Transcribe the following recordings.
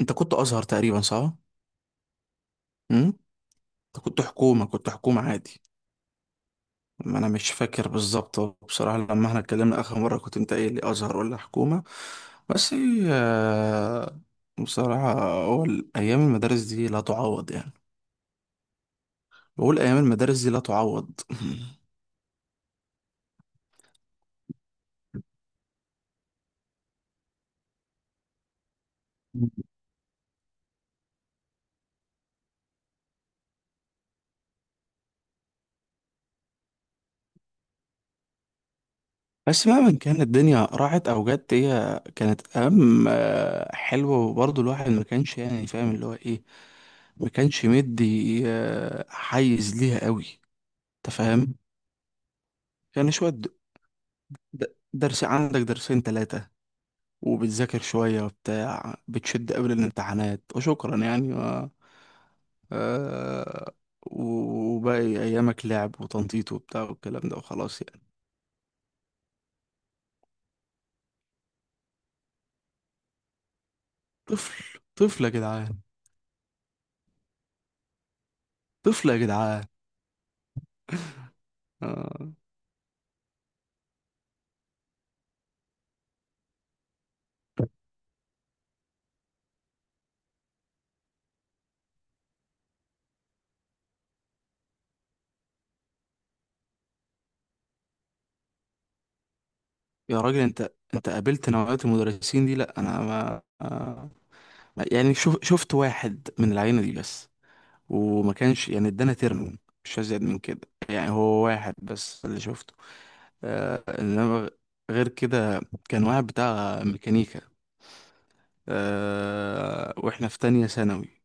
انت كنت ازهر تقريبا صح؟ امم انت كنت حكومه عادي. ما انا مش فاكر بالظبط بصراحه، لما احنا اتكلمنا اخر مره كنت انت قايل لي ازهر ولا حكومه. بس هي آه، بصراحه هو ايام المدارس دي لا تعوض يعني. بقول ايام المدارس دي لا تعوض. بس مهما كان الدنيا راحت او جت، هي كانت ايام حلوه، وبرضه الواحد ما كانش يعني فاهم اللي هو ايه. ما كانش مدي حيز ليها قوي. انت فاهم؟ يعني شوية درس، عندك درسين تلاتة، وبتذاكر شوية وبتاع، بتشد قبل الامتحانات وشكرا يعني. آه... وباقي أيامك لعب وتنطيط وبتاع والكلام ده وخلاص يعني. طفل طفل يا جدعان. طفل يا جدعان. آه... يا راجل، انت قابلت نوعية المدرسين دي، لا انا ما يعني شفت واحد من العينة دي بس، وما كانش يعني ادانا ترم، مش ازيد من كده. يعني هو واحد بس اللي شفته. انما غير كده كان واحد بتاع ميكانيكا، واحنا في تانية ثانوي.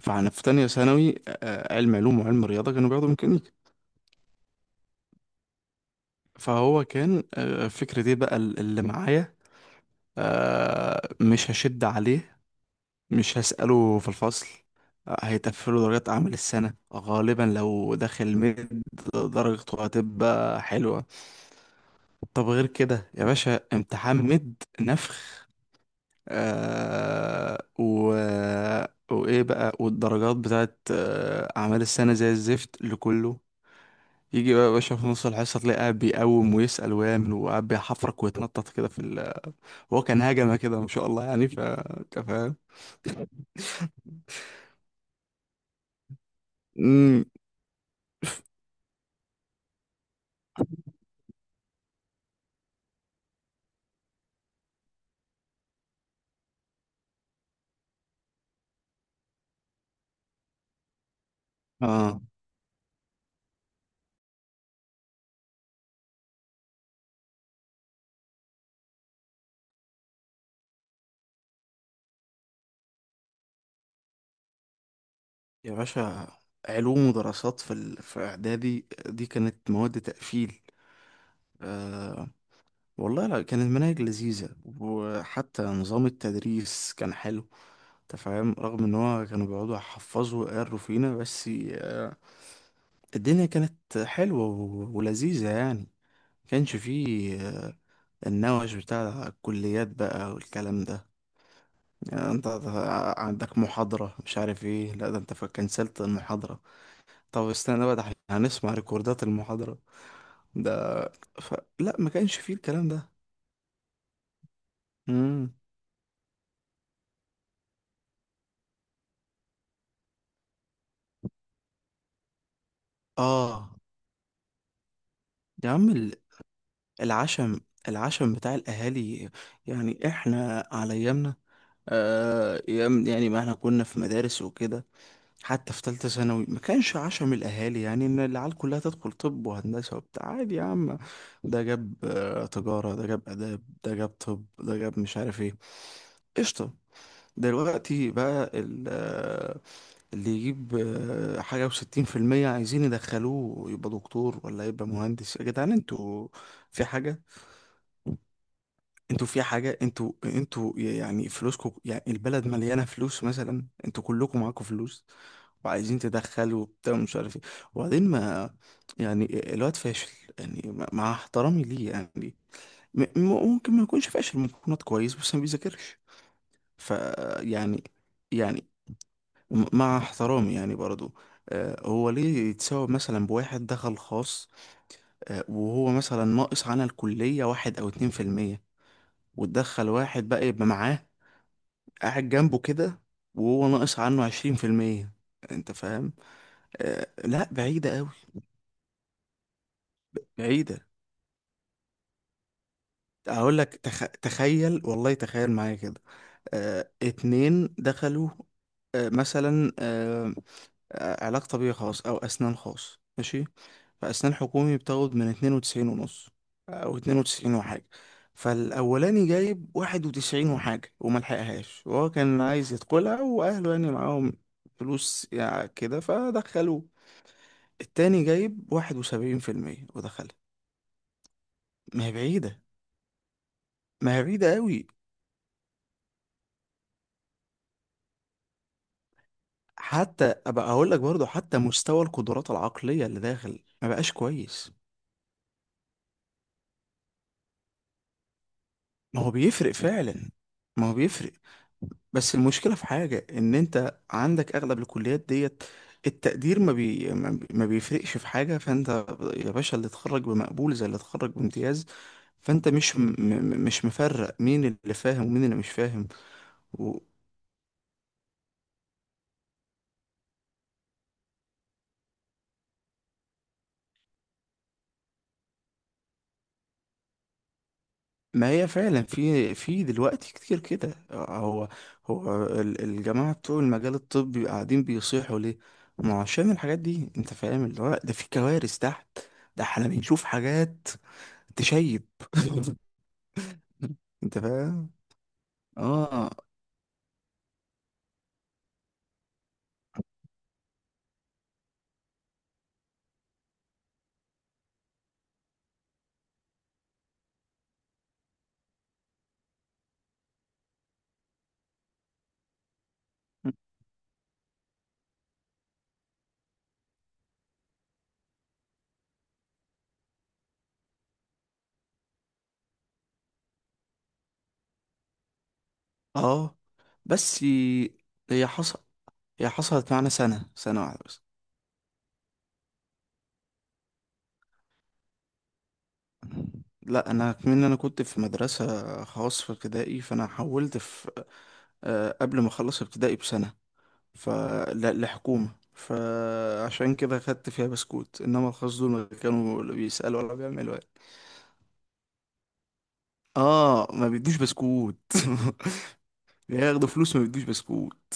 فاحنا في تانية ثانوي، علم علوم وعلم رياضة كانوا بياخدوا ميكانيكا. فهو كان فكرة ايه بقى اللي معايا، مش هشد عليه، مش هسأله في الفصل، هيتقفلوا درجات أعمال السنة غالبا لو داخل مد. درجته هتبقى حلوة. طب غير كده يا باشا، امتحان مد نفخ. آه و... وايه بقى، والدرجات بتاعت اعمال السنه زي الزفت لكله. يجي بقى يا باشا في نص الحصه تلاقيه قاعد بيقوم ويسأل ويعمل، وقاعد بيحفرك ويتنطط كده. هو كان هجمه كده ما شاء الله يعني، ف أنت فاهم. امم. اه يا باشا، علوم ودراسات في اعدادي دي كانت مواد تقفيل. آه والله لا، كانت مناهج لذيذه، وحتى نظام التدريس كان حلو. انت فاهم؟ رغم ان هو كانوا بيقعدوا يحفظوا ويقروا فينا، بس الدنيا كانت حلوة ولذيذة يعني. ما كانش فيه النوش بتاع الكليات بقى والكلام ده. يعني انت عندك محاضرة مش عارف ايه، لا ده انت كنسلت المحاضرة. طب استنى بقى، ده احنا هنسمع ريكوردات المحاضرة ده ف... لا ما كانش فيه الكلام ده. مم. اه يا عم، العشم العشم بتاع الاهالي. يعني احنا على ايامنا، يعني ما احنا كنا في مدارس وكده. حتى في ثالثة ثانوي ما كانش عشم الأهالي يعني إن العيال كلها تدخل طب وهندسة وبتاع، عادي يا عم. ده جاب تجارة، ده جاب آداب، ده جاب طب، ده جاب مش عارف ايه. قشطة. دلوقتي بقى اللي يجيب حاجة وستين في المية عايزين يدخلوه يبقى دكتور ولا يبقى مهندس. يا جدعان، انتوا في حاجة؟ انتوا في حاجة؟ انتوا يعني فلوسكم، يعني البلد مليانة فلوس مثلا، انتوا كلكم معاكم فلوس وعايزين تدخلوا وبتاع ومش عارف ايه. وبعدين ما، يعني الواد فاشل، يعني مع احترامي ليه يعني. ممكن ما يكونش فاشل، ممكن يكون واد كويس بس ما بيذاكرش. ف يعني يعني مع احترامي يعني برضو، هو ليه يتساوى مثلا بواحد دخل خاص، وهو مثلا ناقص عن الكلية 1 أو 2%، وتدخل واحد بقى يبقى معاه قاعد جنبه كده، وهو ناقص عنه 20%. انت فاهم؟ لا بعيدة قوي. بعيدة. اقول لك، تخيل والله، تخيل معايا كده، اتنين دخلوا، آه مثلا آه علاج طبيعي خاص او اسنان خاص، ماشي. فاسنان حكومي بتاخد من 92.5، او اتنين وتسعين وحاجة. فالاولاني جايب واحد وتسعين وحاجة وما لحقهاش، وهو كان عايز يدخلها واهله يعني معاهم فلوس يعني كده، فدخلوه. التاني جايب 71% ودخلها. ما هي بعيدة. ما هي بعيدة قوي. حتى ابقى اقول لك برضو، حتى مستوى القدرات العقلية اللي داخل ما بقاش كويس. ما هو بيفرق فعلا. ما هو بيفرق. بس المشكلة في حاجة ان انت عندك اغلب الكليات ديت، التقدير ما بيفرقش في حاجة. فانت يا باشا اللي اتخرج بمقبول زي اللي اتخرج بامتياز. فانت مش مش مفرق مين اللي فاهم ومين اللي مش فاهم. ما هي فعلا في دلوقتي كتير كده. هو هو الجماعة بتوع المجال الطبي قاعدين بيصيحوا ليه؟ ما هو عشان الحاجات دي، انت فاهم اللي هو ده في كوارث تحت. ده احنا بنشوف حاجات تشيب. انت فاهم؟ اه. اه. بس هي حصل هي حصلت معانا سنة واحدة بس. لا انا كمان كنت في مدرسة خاص في ابتدائي، فانا حولت في، قبل ما اخلص ابتدائي بسنة، فالحكومة. فعشان كده خدت فيها بسكوت، انما الخاص دول ما كانوا لا بيسألوا ولا بيعملوا يعني. اه ما بيدوش بسكوت. بياخدوا فلوس ما بيدوش بسكوت.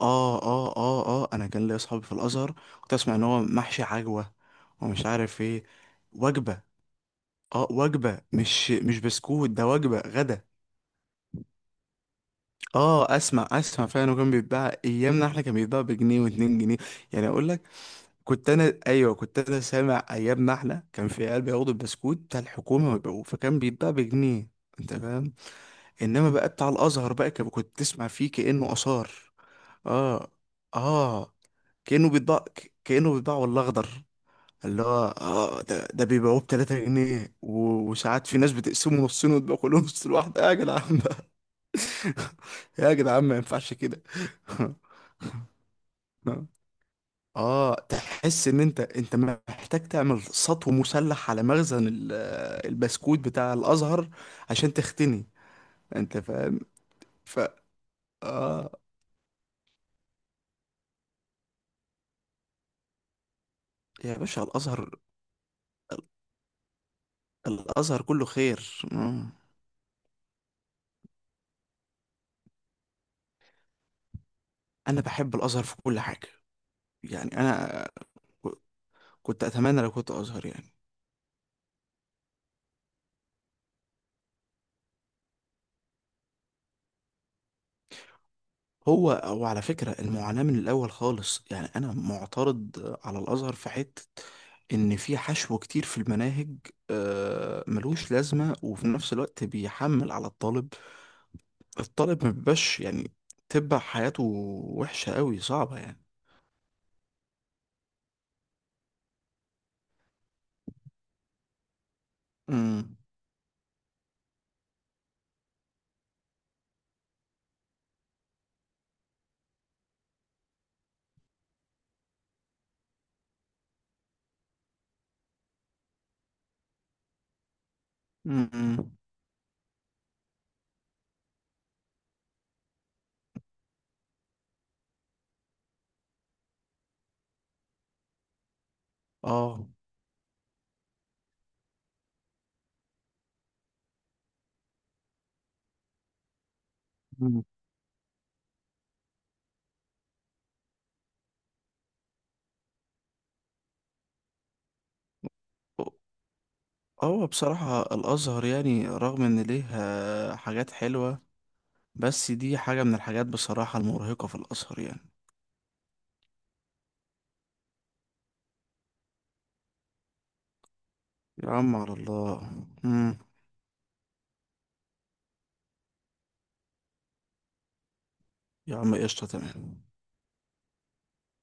اه اه اه اه. انا كان ليا اصحابي في الازهر. كنت اسمع ان هو محشي عجوة ومش عارف ايه. وجبة. اه وجبة، مش بسكوت، ده وجبة غدا. اه اسمع اسمع، فعلا كان بيتباع ايامنا احنا، كان بيتباع بجنيه واتنين جنيه يعني. اقول لك، كنت انا سامع ايام ما احنا كان في عيال بياخدوا البسكوت بتاع الحكومه ويبيعوه، فكان بيتباع بجنيه. انت فاهم؟ انما بقى بتاع الازهر بقى كنت تسمع فيه كانه اثار. اه. اه. كانه بيتباع والله اخضر. اللي هو ده بيبيعوه ب 3 جنيه، وساعات في ناس بتقسمه نصين وتبقى كلهم نص الواحده يا جدعان بقى. يا جدعان ما ينفعش كده. اه، تحس ان انت محتاج تعمل سطو مسلح على مخزن البسكوت بتاع الازهر عشان تختني، انت فاهم؟ ف اه، يا باشا، الازهر. الازهر كله خير. انا بحب الازهر في كل حاجه يعني. انا كنت اتمنى لو كنت ازهر يعني. هو على فكرة، المعاناة من الأول خالص. يعني أنا معترض على الأزهر في حتة، إن في حشو كتير في المناهج ملوش لازمة، وفي نفس الوقت بيحمل على الطالب. الطالب ما بيبقاش يعني، تبقى حياته وحشة قوي صعبة يعني. امم. امم. اه. مم. هو بصراحة الأزهر، يعني رغم إن ليه حاجات حلوة، بس دي حاجة من الحاجات بصراحة المرهقة في الأزهر يعني. يا عم على الله. مم. يا عم قشطة تمام.